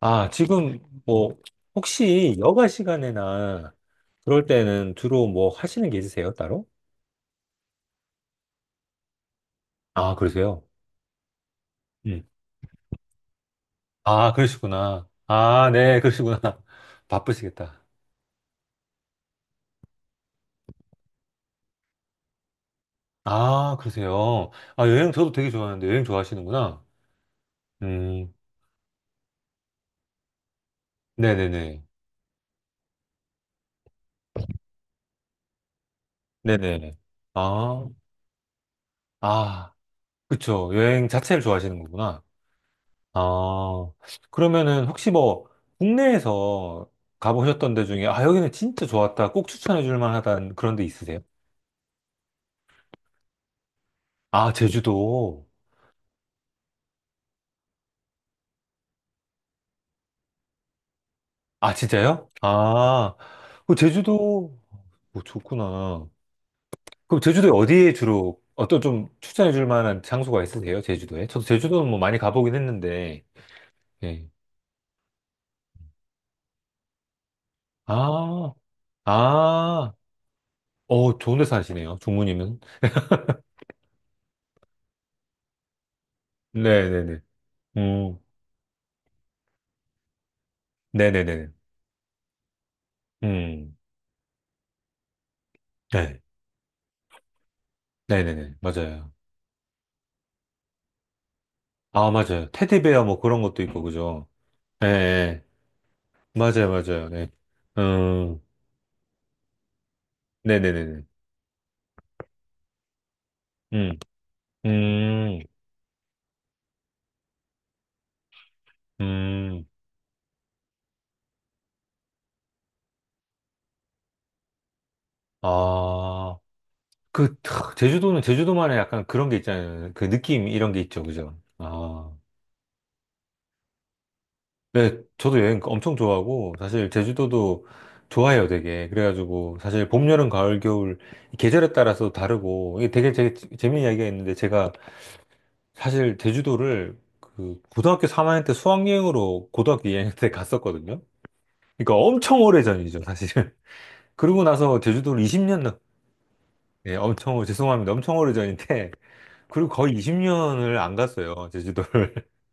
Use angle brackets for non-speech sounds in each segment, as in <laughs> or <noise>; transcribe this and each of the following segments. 아, 지금 뭐 혹시 여가 시간이나 그럴 때는 주로 뭐 하시는 게 있으세요, 따로? 아, 그러세요? 음. 아, 그러시구나. 아, 네, 그러시구나. <laughs> 바쁘시겠다. 아, 그러세요. 아, 여행 저도 되게 좋아하는데 여행 좋아하시는구나. 음, 네네네. 네네. 아, 아, 그쵸. 여행 자체를 좋아하시는 거구나. 아, 그러면은 혹시 뭐 국내에서 가보셨던 데 중에 아, 여기는 진짜 좋았다. 꼭 추천해 줄 만하다는 그런 데 있으세요? 아, 제주도. 아, 진짜요? 아, 그 제주도 뭐 좋구나. 그럼 제주도에 어디에 주로 어떤 좀 추천해 줄 만한 장소가 있으세요? 제주도에? 저도 제주도는 뭐 많이 가보긴 했는데. 예. 아, 아. 어, 좋은 데 사시네요. 종무님은. 네, 네, 네. 음. 네, 네, 네. 음. 네. 네네네. 맞아요. 아, 맞아요. 테디베어 뭐 그런 것도 있고, 그죠? 예, 예. 맞아요, 맞아요. 네. 음, 네네네네. 음, 음, 음. 아, 그, 탁, 제주도는 제주도만의 약간 그런 게 있잖아요. 그 느낌 이런 게 있죠, 그죠? 아, 네. 저도 여행 엄청 좋아하고, 사실 제주도도 좋아해요, 되게. 그래가지고, 사실 봄, 여름, 가을, 겨울, 이 계절에 따라서 다르고, 이게 되게 재미있는 이야기가 있는데, 제가 사실 제주도를 그 고등학교 3학년 때 수학여행으로 고등학교 2학년 때 갔었거든요. 그러니까 엄청 오래전이죠, 사실. <laughs> 그러고 나서 제주도를 20년, 예, 엄청, 죄송합니다. 엄청 오래전인데, <laughs> 그리고 거의 20년을 안 갔어요, 제주도를. <laughs>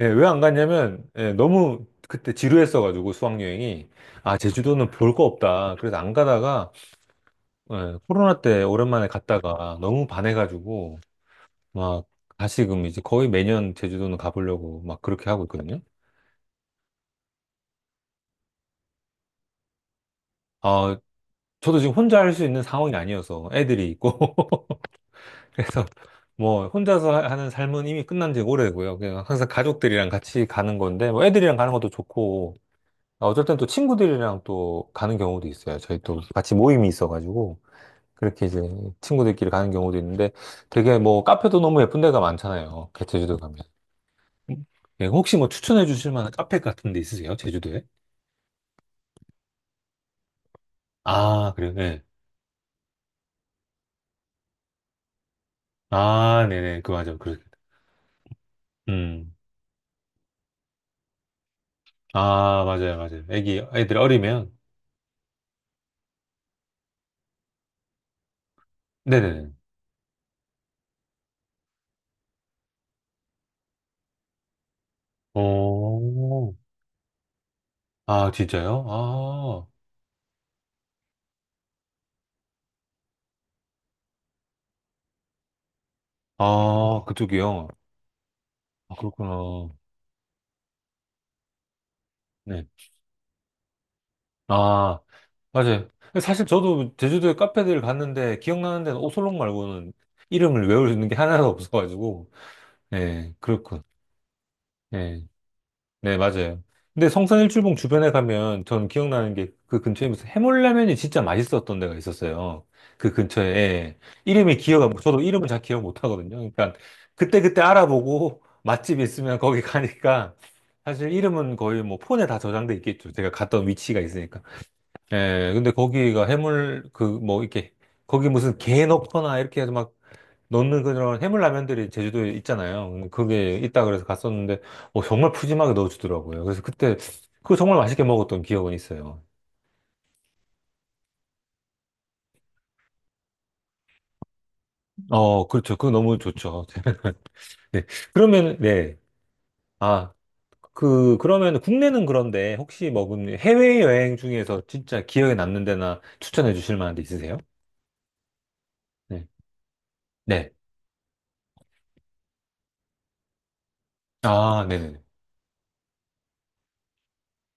예, 왜 안 갔냐면, 예, 너무 그때 지루했어가지고 수학여행이. 아, 제주도는 볼 거 없다. 그래서 안 가다가, 예, 코로나 때 오랜만에 갔다가 너무 반해가지고, 막, 다시금 이제 거의 매년 제주도는 가보려고 막 그렇게 하고 있거든요. 어, 저도 지금 혼자 할 수 있는 상황이 아니어서 애들이 있고 <laughs> 그래서 뭐 혼자서 하는 삶은 이미 끝난 지 오래고요. 그냥 항상 가족들이랑 같이 가는 건데 뭐 애들이랑 가는 것도 좋고 아, 어쩔 땐 또 친구들이랑 또 가는 경우도 있어요. 저희 또 같이 모임이 있어가지고 그렇게 이제 친구들끼리 가는 경우도 있는데 되게 뭐 카페도 너무 예쁜 데가 많잖아요. 그 제주도 가면. 예, 혹시 뭐 추천해 주실 만한 카페 같은 데 있으세요? 제주도에? 아, 그래요? 네. 아, 네네. 그 맞아요. 그렇 음. 아, 맞아요, 맞아요. 애기, 애들 어리면. 네네네. 오, 아, 진짜요? 아, 아, 그쪽이요. 아, 그렇구나. 네. 아, 맞아요. 사실 저도 제주도에 카페들 갔는데, 기억나는 데는 오설록 말고는 이름을 외울 수 있는 게 하나도 없어가지고. 네, 그렇군. 예. 네, 맞아요. 근데 성산일출봉 주변에 가면 전 기억나는 게 그 근처에 무슨 해물라면이 진짜 맛있었던 데가 있었어요. 그 근처에. 예. 이름이 기억 안, 저도 이름을 잘 기억 못 하거든요. 그러니까 그때그때 알아보고 <laughs> 맛집 있으면 거기 가니까 사실 이름은 거의 뭐 폰에 다 저장돼 있겠죠. 제가 갔던 위치가 있으니까. 예, 근데 거기가 해물 그 뭐 이렇게 거기 무슨 게 넣거나 이렇게 해서 막 넣는 그런 해물라면들이 제주도에 있잖아요. 근데 그게 있다 그래서 갔었는데, 어, 정말 푸짐하게 넣어주더라고요. 그래서 그때, 그거 정말 맛있게 먹었던 기억은 있어요. 어, 그렇죠. 그거 너무 좋죠. <laughs> 네. 그러면, 네. 아, 그, 그러면 국내는 그런데 혹시 먹은 해외여행 중에서 진짜 기억에 남는 데나 추천해 주실 만한 데 있으세요? 네. 네. 아, 네네네.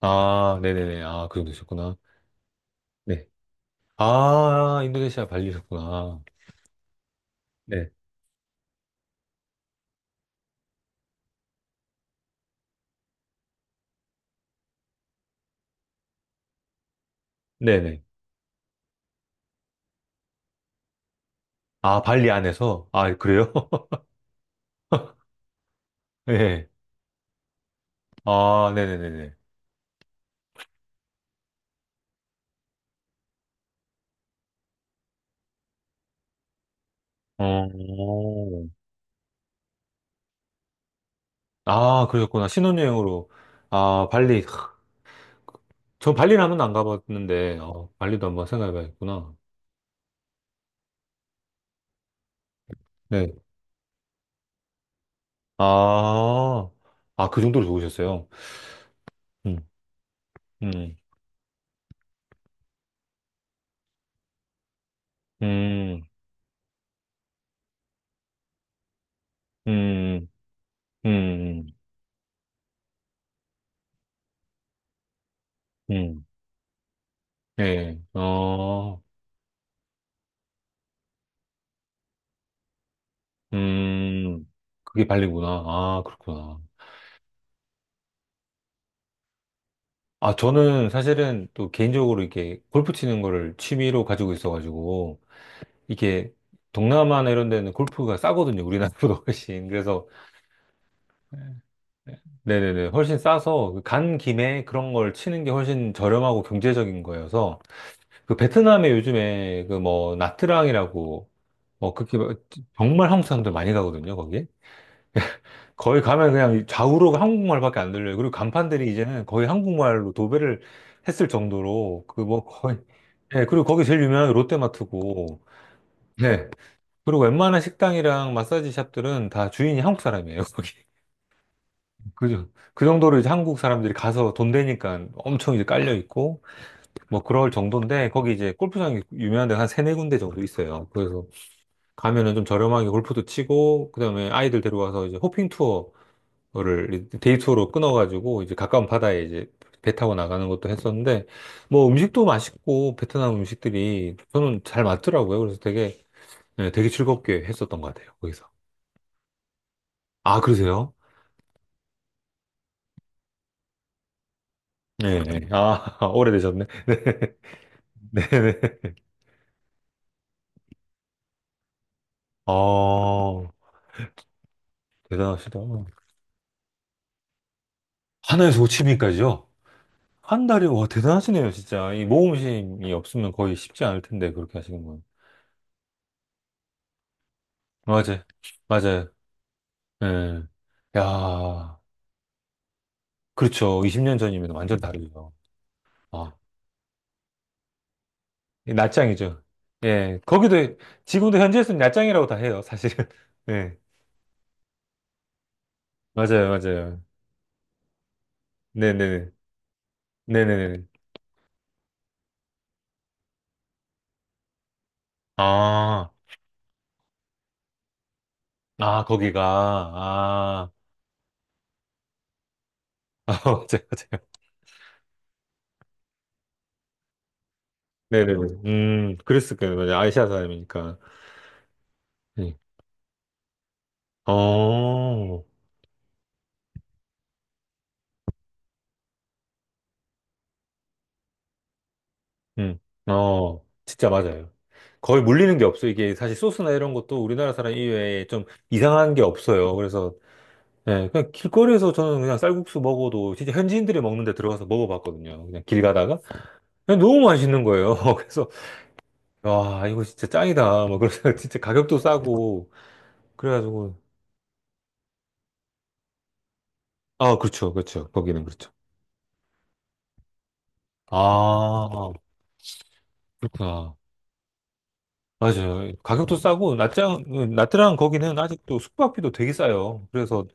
아, 네네네. 아, 그도셨구나. 네. 아, 인도네시아 발리셨구나. 네. 네네. 아, 발리 안에서? 아, 그래요? <laughs> 예. 아, 네네네네. 어, 아, 그러셨구나. 신혼여행으로. 아, 발리. 하, 저 발리는 한 번도 안 가봤는데, 어, 발리도 한번 생각해봐야겠구나. 네. 아, 아, 그 정도로 좋으셨어요. 음, 음, 음, 음, 음, 음, 음. 예, 어, 음, 그게 발리구나. 아, 그렇구나. 아, 저는 사실은 또 개인적으로 이렇게 골프 치는 거를 취미로 가지고 있어가지고, 이게 동남아나 이런 데는 골프가 싸거든요. 우리나라보다 <laughs> 훨씬. 그래서, 네, 네. 네 훨씬 싸서, 간 김에 그런 걸 치는 게 훨씬 저렴하고 경제적인 거여서, 그 베트남에 요즘에 그 뭐, 나트랑이라고, 뭐, 그렇게 막 정말 한국 사람들 많이 가거든요, 거기. 거의 가면 그냥 좌우로 한국말밖에 안 들려요. 그리고 간판들이 이제는 거의 한국말로 도배를 했을 정도로 그 뭐 거의 예, 그리고 거기 제일 유명한 게 롯데마트고 네. 그리고 웬만한 식당이랑 마사지 샵들은 다 주인이 한국 사람이에요, 거기. <laughs> 그죠. 그 정도로 이제 한국 사람들이 가서 돈 되니까 엄청 이제 깔려 있고 뭐 그럴 정도인데 거기 이제 골프장이 유명한 데가 한 세네 군데 정도 있어요. 그래서 가면은 좀 저렴하게 골프도 치고 그다음에 아이들 데려와서 이제 호핑 투어 거를 데이투어로 끊어가지고 이제 가까운 바다에 이제 배 타고 나가는 것도 했었는데 뭐 음식도 맛있고 베트남 음식들이 저는 잘 맞더라고요. 그래서 되게 네, 되게 즐겁게 했었던 것 같아요. 거기서. 아, 그러세요? 네. 네. 아, <laughs> 오래되셨네. 네. 네네. 아, 대단하시다. 하나에서 오십인까지요. 한 달이, 와, 대단하시네요, 진짜. 이 모험심이 없으면 거의 쉽지 않을 텐데, 그렇게 하시는 건. 맞아요. 맞아요. 예. 야. 그렇죠. 20년 전이면 완전 다르죠. 아, 이 낮장이죠. 예, 거기도, 지금도 현지에서는 낯장이라고 다 해요, 사실은. <laughs> 네, 맞아요, 맞아요. 네네네. 네네네. 아, 아, 거기가, 아, <laughs> 아, 맞아요, 맞아요. 네네네. 그랬을 거예요. 맞아요. 아시아 사람이니까. 네. 어, 음, 어, 진짜 맞아요. 거의 물리는 게 없어요. 이게 사실 소스나 이런 것도 우리나라 사람 이외에 좀 이상한 게 없어요. 그래서 네, 그냥 길거리에서 저는 그냥 쌀국수 먹어도 진짜 현지인들이 먹는 데 들어가서 먹어봤거든요. 그냥 길 가다가. 그냥 너무 맛있는 거예요. <laughs> 그래서, 와, 이거 진짜 짱이다. 막 그래서 <laughs> 진짜 가격도 싸고. 그래가지고. 아, 그렇죠. 그렇죠. 거기는 그렇죠. 아, 그렇구나. 맞아요. 가격도 싸고, 낮장, 낮드랑 거기는 아직도 숙박비도 되게 싸요. 그래서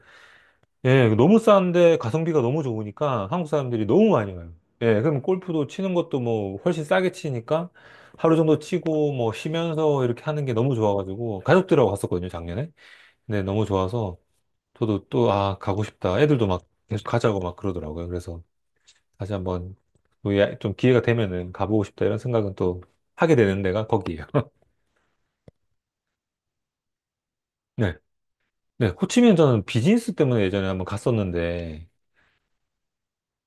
예, 그 너무 싼데 가성비가 너무 좋으니까 한국 사람들이 너무 많이 와요. 예, 그럼 골프도 치는 것도 뭐 훨씬 싸게 치니까 하루 정도 치고 뭐 쉬면서 이렇게 하는 게 너무 좋아가지고 가족들하고 갔었거든요, 작년에. 네, 너무 좋아서 저도 또, 아, 가고 싶다. 애들도 막 계속 가자고 막 그러더라고요. 그래서 다시 한번 또 좀 기회가 되면은 가보고 싶다 이런 생각은 또 하게 되는 데가 거기예요. <laughs> 네. 네, 호치민 저는 비즈니스 때문에 예전에 한번 갔었는데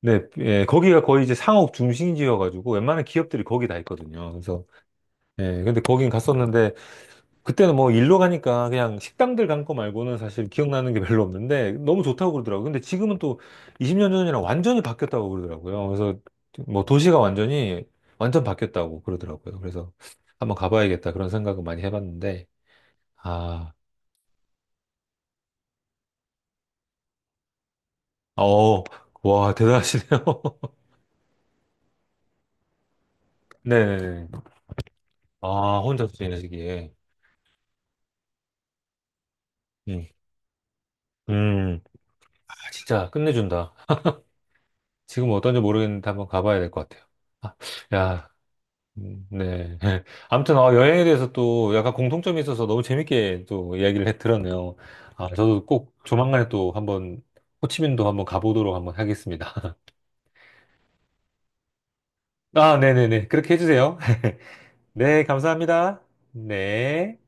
네, 예, 거기가 거의 이제 상업 중심지여가지고 웬만한 기업들이 거기 다 있거든요. 그래서, 예, 근데 거긴 갔었는데, 그때는 뭐 일로 가니까 그냥 식당들 간 거 말고는 사실 기억나는 게 <laughs> 별로 없는데, 너무 좋다고 그러더라고요. 근데 지금은 또 20년 전이랑 완전히 바뀌었다고 그러더라고요. 그래서 뭐 도시가 완전히, 완전 바뀌었다고 그러더라고요. 그래서 한번 가봐야겠다 그런 생각을 많이 해봤는데, 아, 어, 와, 대단하시네요. <laughs> 네네네. 아, 혼자서 지내시기에. 음. 음. 진짜 끝내준다. 지금 어떤지 모르겠는데 한번 가봐야 될 것 같아요. 아, 야, 네. <laughs> 아무튼 어, 여행에 대해서 또 약간 공통점이 있어서 너무 재밌게 또 이야기를 해 들었네요. 아, 저도 꼭 조만간에 또 한번 호치민도 한번 가보도록 한번 하겠습니다. <laughs> 아, 네네네. 그렇게 해주세요. <laughs> 네, 감사합니다. 네.